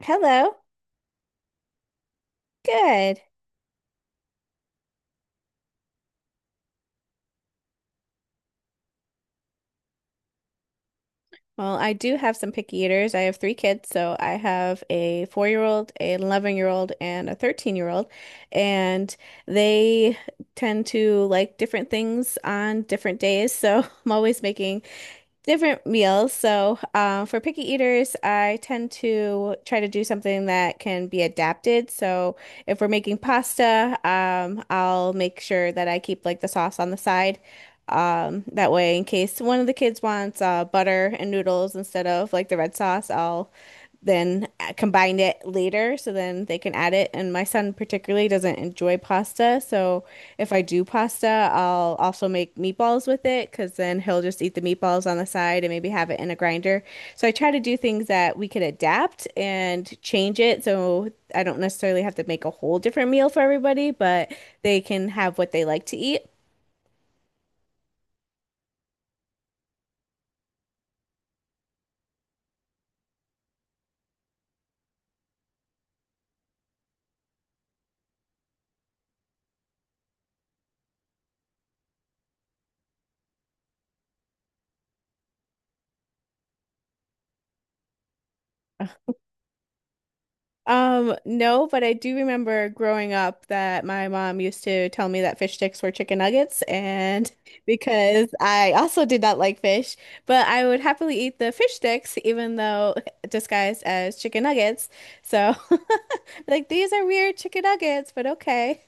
Hello. Good. Well, I do have some picky eaters. I have three kids, so I have a four-year-old, an 11-year-old, and a 13-year-old, and they tend to like different things on different days. So I'm always making different meals. So, for picky eaters, I tend to try to do something that can be adapted. So, if we're making pasta, I'll make sure that I keep like the sauce on the side. That way, in case one of the kids wants butter and noodles instead of like the red sauce, I'll then combine it later so then they can add it. And my son particularly doesn't enjoy pasta, so if I do pasta, I'll also make meatballs with it because then he'll just eat the meatballs on the side and maybe have it in a grinder. So I try to do things that we could adapt and change it so I don't necessarily have to make a whole different meal for everybody, but they can have what they like to eat. No, but I do remember growing up that my mom used to tell me that fish sticks were chicken nuggets, and because I also did not like fish, but I would happily eat the fish sticks even though disguised as chicken nuggets. So, like these are weird chicken nuggets, but okay.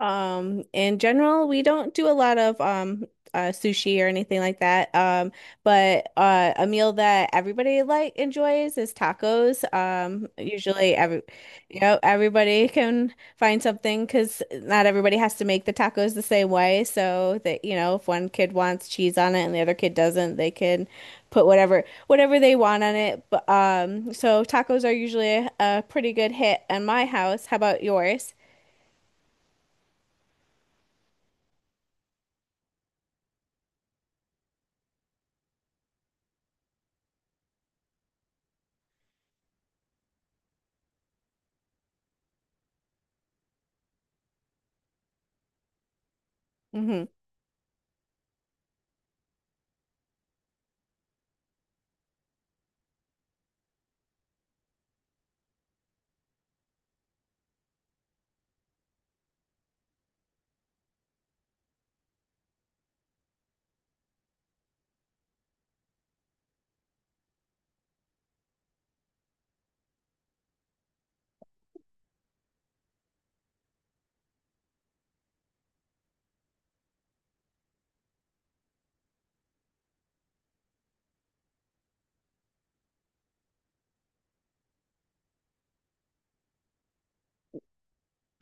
In general, we don't do a lot of sushi or anything like that. But a meal that everybody like enjoys is tacos. Usually every everybody can find something because not everybody has to make the tacos the same way. So that, if one kid wants cheese on it and the other kid doesn't, they can put whatever they want on it. But so tacos are usually a pretty good hit in my house. How about yours? Mm-hmm.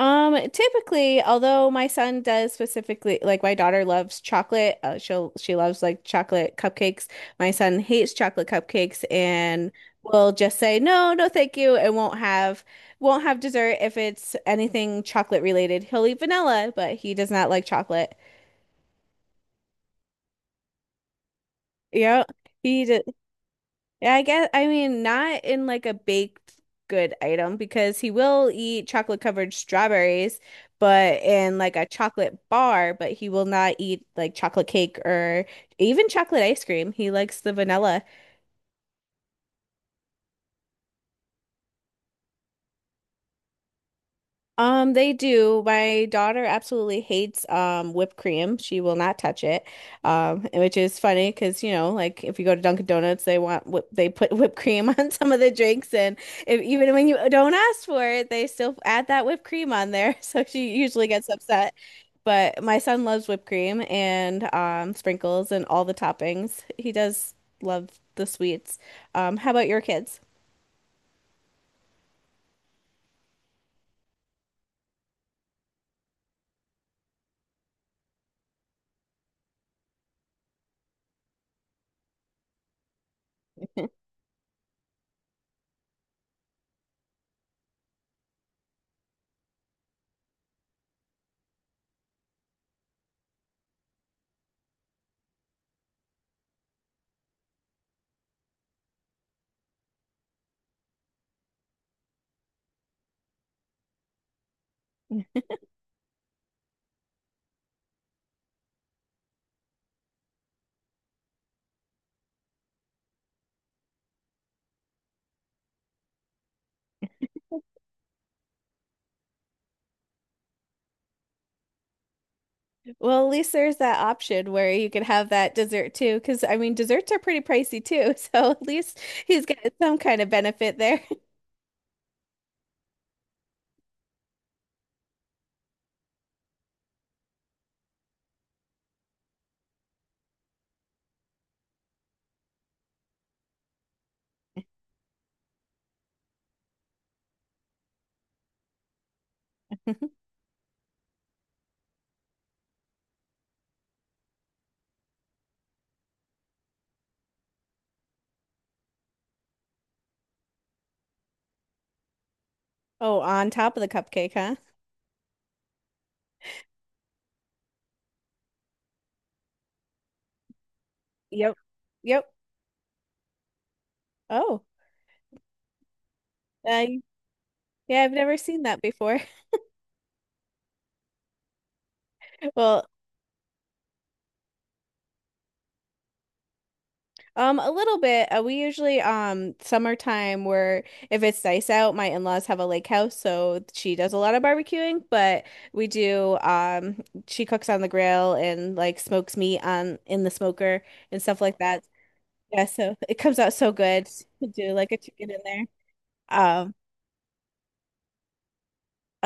Typically, although my son does specifically like my daughter loves chocolate, she'll she loves like chocolate cupcakes. My son hates chocolate cupcakes and will just say no, no, thank you, and won't have dessert if it's anything chocolate related. He'll eat vanilla, but he does not like chocolate. Yeah, he does. Yeah, I guess I mean not in like a baked good item because he will eat chocolate covered strawberries, but in like a chocolate bar, but he will not eat like chocolate cake or even chocolate ice cream. He likes the vanilla. They do. My daughter absolutely hates whipped cream. She will not touch it. And which is funny because, you know, like if you go to Dunkin' Donuts, they want whip they put whipped cream on some of the drinks and if even when you don't ask for it, they still add that whipped cream on there. So she usually gets upset. But my son loves whipped cream and sprinkles and all the toppings. He does love the sweets. How about your kids? Well, at least there's that option where you could have that dessert too, because I mean, desserts are pretty pricey too. So at least he's got some kind of benefit there. Oh, on top of the cupcake, huh? Yep. Yep. Oh, uh, yeah, I've never seen that before. Well, a little bit. We usually summertime where if it's nice out, my in-laws have a lake house, so she does a lot of barbecuing, but we do she cooks on the grill and like smokes meat on in the smoker and stuff like that. Yeah, so it comes out so good to do like a chicken in there. Um,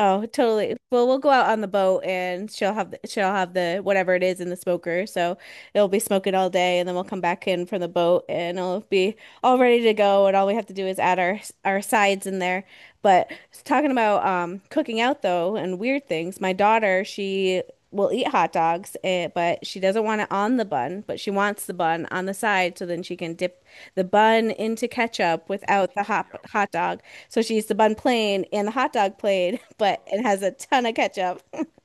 Oh, totally. Well, we'll go out on the boat and she'll have the whatever it is in the smoker. So it'll be smoking all day and then we'll come back in from the boat and it'll be all ready to go and all we have to do is add our sides in there. But talking about cooking out though and weird things, my daughter, she will eat hot dogs, eh, but she doesn't want it on the bun, but she wants the bun on the side so then she can dip the bun into ketchup without the hot dog. So she eats the bun plain and the hot dog plain, but it has a ton of ketchup.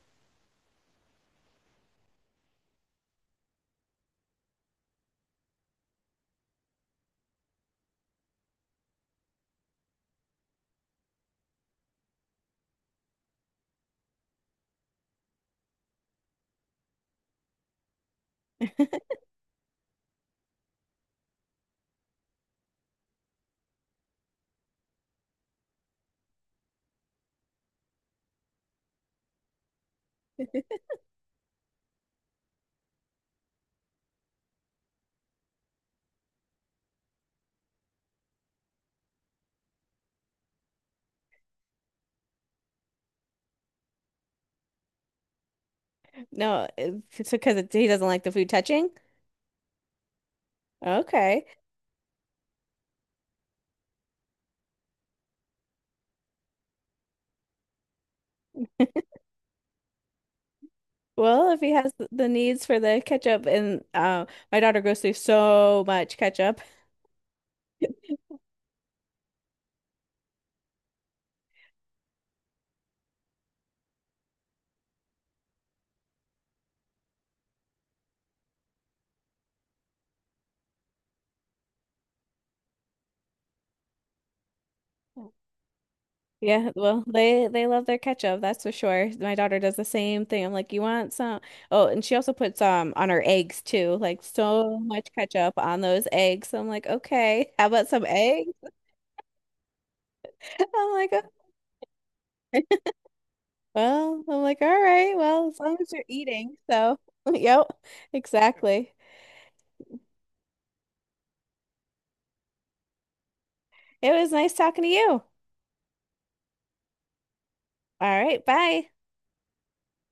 No, it's because it, he doesn't like the food touching. Okay. Well, if he has the needs for the ketchup and my daughter goes through so much ketchup. Yeah, well, they love their ketchup, that's for sure. My daughter does the same thing. I'm like, "You want some?" Oh, and she also puts on her eggs too, like so much ketchup on those eggs. I'm like, "Okay, how about some egg?" I'm like, well, I'm like, all right, well, as long as you're eating. So, yep, exactly. It was nice talking to you. All right, bye.